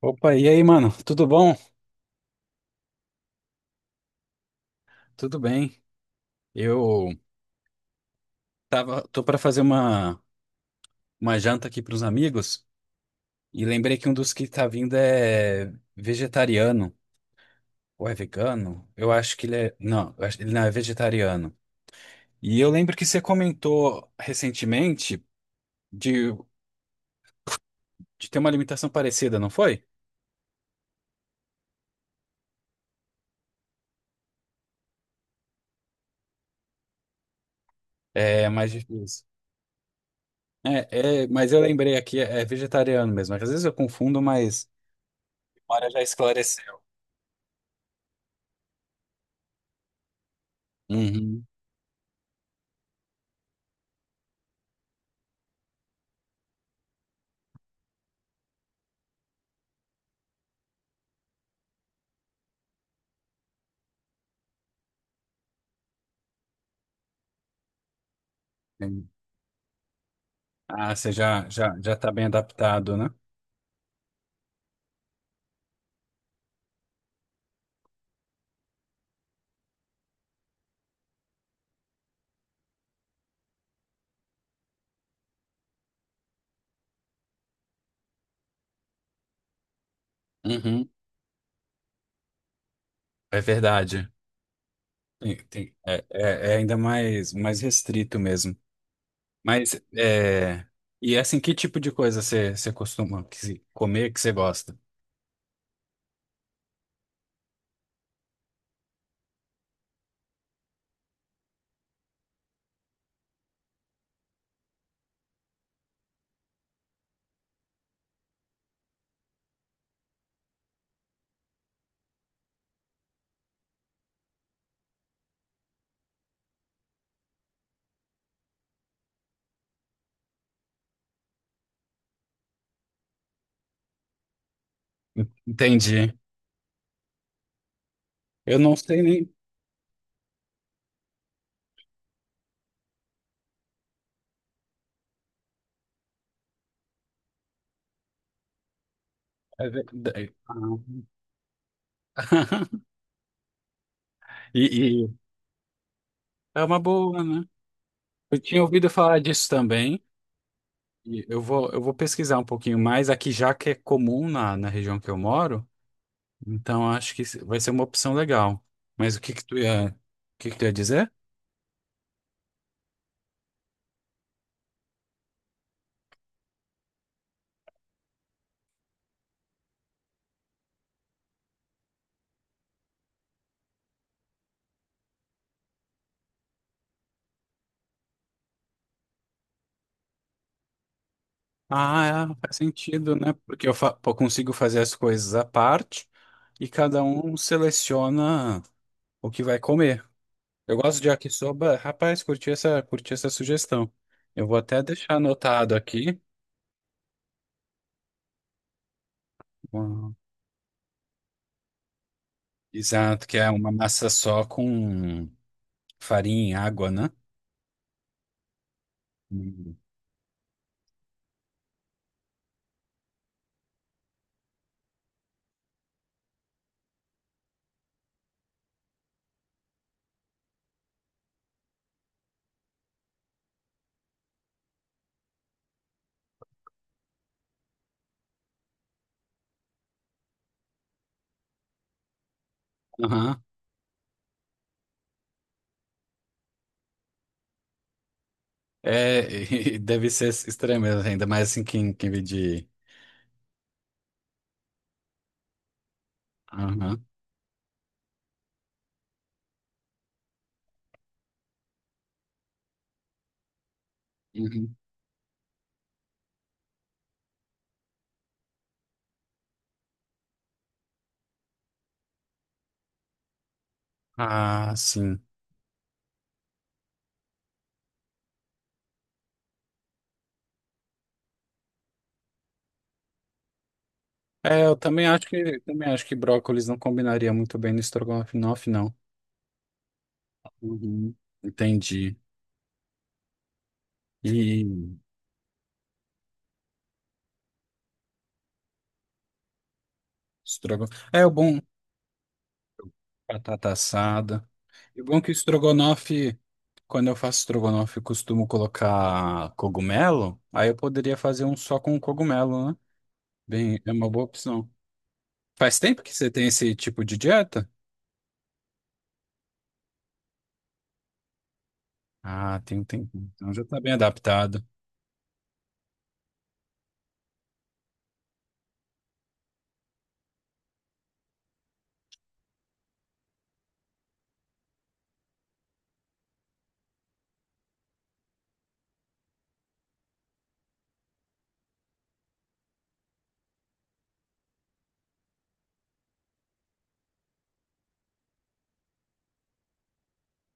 Opa, e aí, mano? Tudo bom? Tudo bem. Eu tô para fazer uma janta aqui para os amigos e lembrei que um dos que tá vindo é vegetariano ou é vegano? Eu acho que ele é, não, ele não é vegetariano. E eu lembro que você comentou recentemente de, de ter uma alimentação parecida, não foi? É mais difícil. Mas eu lembrei aqui, é vegetariano mesmo. Às vezes eu confundo, mas a memória já esclareceu. Uhum. Ah, você já tá bem adaptado, né? Uhum, é verdade. É ainda mais restrito mesmo. Mas, é... E assim, que tipo de coisa você costuma que se- comer que você gosta? Entendi. Eu não sei nem... É verdade. Ah. E é uma boa, né? Eu tinha ouvido falar disso também. Eu vou pesquisar um pouquinho mais aqui, já que é comum na região que eu moro. Então acho que vai ser uma opção legal. Mas o que que tu ia dizer? Ah, é, faz sentido, né? Porque pô, consigo fazer as coisas à parte e cada um seleciona o que vai comer. Eu gosto de yakisoba. Rapaz, curti essa sugestão. Eu vou até deixar anotado aqui. Hum, Exato, que é uma massa só com farinha e água, né? Hum. Aham. É, deve ser estranho mesmo, ainda mais assim quem vê de... Uhum. Ah, sim. É, eu também acho que brócolis não combinaria muito bem no estrogonofe, não. Uhum. Entendi. E estrogonofe. É o bom batata assada. E o bom é que o estrogonofe, quando eu faço estrogonofe, eu costumo colocar cogumelo. Aí eu poderia fazer um só com cogumelo, né? Bem, é uma boa opção. Faz tempo que você tem esse tipo de dieta? Ah, tem um tempo. Então já tá bem adaptado.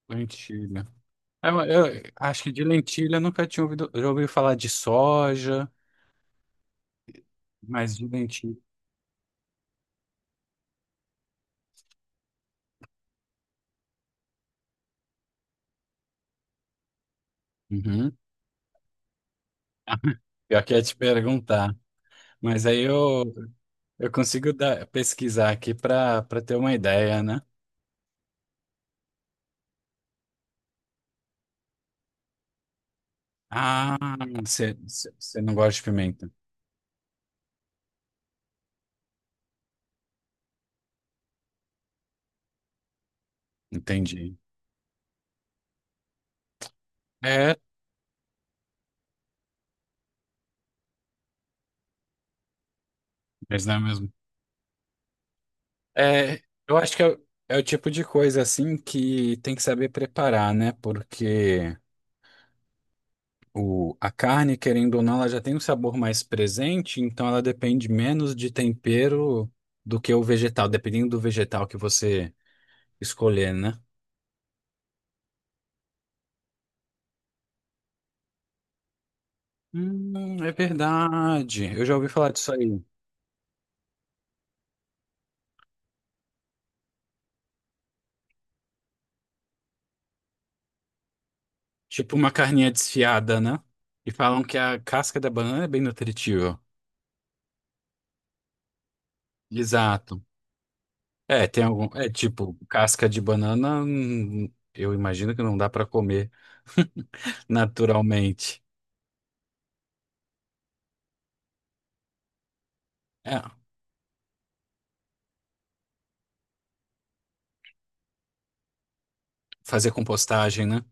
Lentilha. Eu acho que de lentilha eu nunca tinha ouvido, já ouvi falar de soja, mas de lentilha. Uhum. Eu queria te perguntar, mas eu consigo pesquisar aqui para ter uma ideia, né? Ah, você você não gosta de pimenta. Entendi. É, mas não é mesmo. É, eu acho que é o tipo de coisa assim que tem que saber preparar, né? Porque a carne, querendo ou não, ela já tem um sabor mais presente, então ela depende menos de tempero do que o vegetal, dependendo do vegetal que você escolher, né? É verdade. Eu já ouvi falar disso aí. Tipo uma carninha desfiada, né? E falam que a casca da banana é bem nutritiva. Exato. É, tem algum. É tipo, casca de banana, eu imagino que não dá pra comer naturalmente. É, fazer compostagem, né?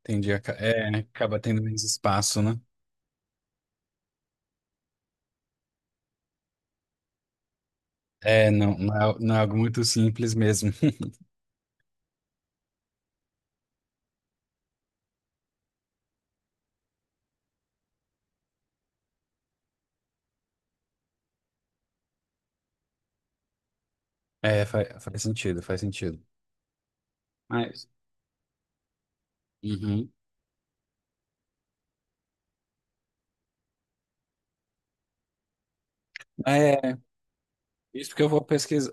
Entendi. É, acaba tendo menos espaço, né? É, não é, não é algo muito simples mesmo. É, faz sentido, faz sentido. Mas, uhum. É, isso que eu vou pesquisar.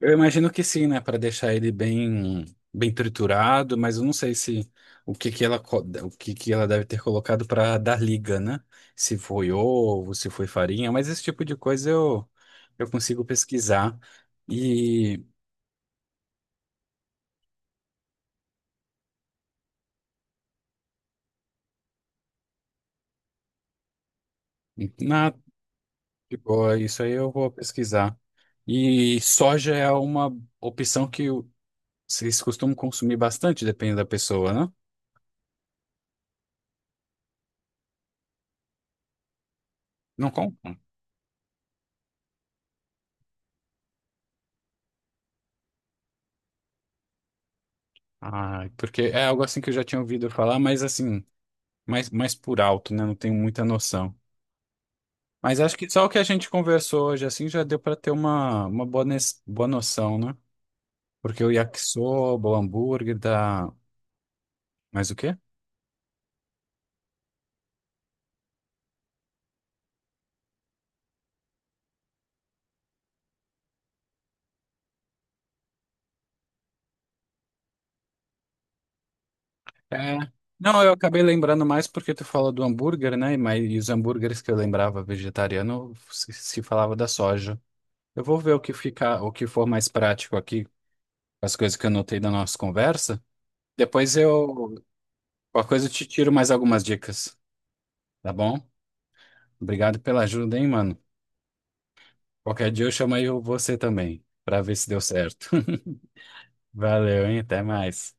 Eu imagino que sim, né? Para deixar ele bem triturado, mas eu não sei se o que que ela deve ter colocado para dar liga, né? Se foi ovo, se foi farinha, mas esse tipo de coisa eu consigo pesquisar. E. Nada. De boa, isso aí eu vou pesquisar. E soja é uma opção vocês costumam consumir bastante, depende da pessoa, né? Não compram. Ah, porque é algo assim que eu já tinha ouvido falar, mas assim, mais por alto, né? Não tenho muita noção. Mas acho que só o que a gente conversou hoje, assim, já deu para ter uma boa, boa noção, né? Porque o yakisoba, o hambúrguer dá mais o quê? É. Não, eu acabei lembrando mais porque tu fala do hambúrguer, né? Mas e os hambúrgueres que eu lembrava vegetariano se falava da soja. Eu vou ver o que fica, o que for mais prático aqui, as coisas que eu anotei da nossa conversa. Depois qualquer coisa eu te tiro mais algumas dicas, tá bom? Obrigado pela ajuda, hein, mano. Qualquer dia eu chamo aí você também, pra ver se deu certo. Valeu, hein? Até mais.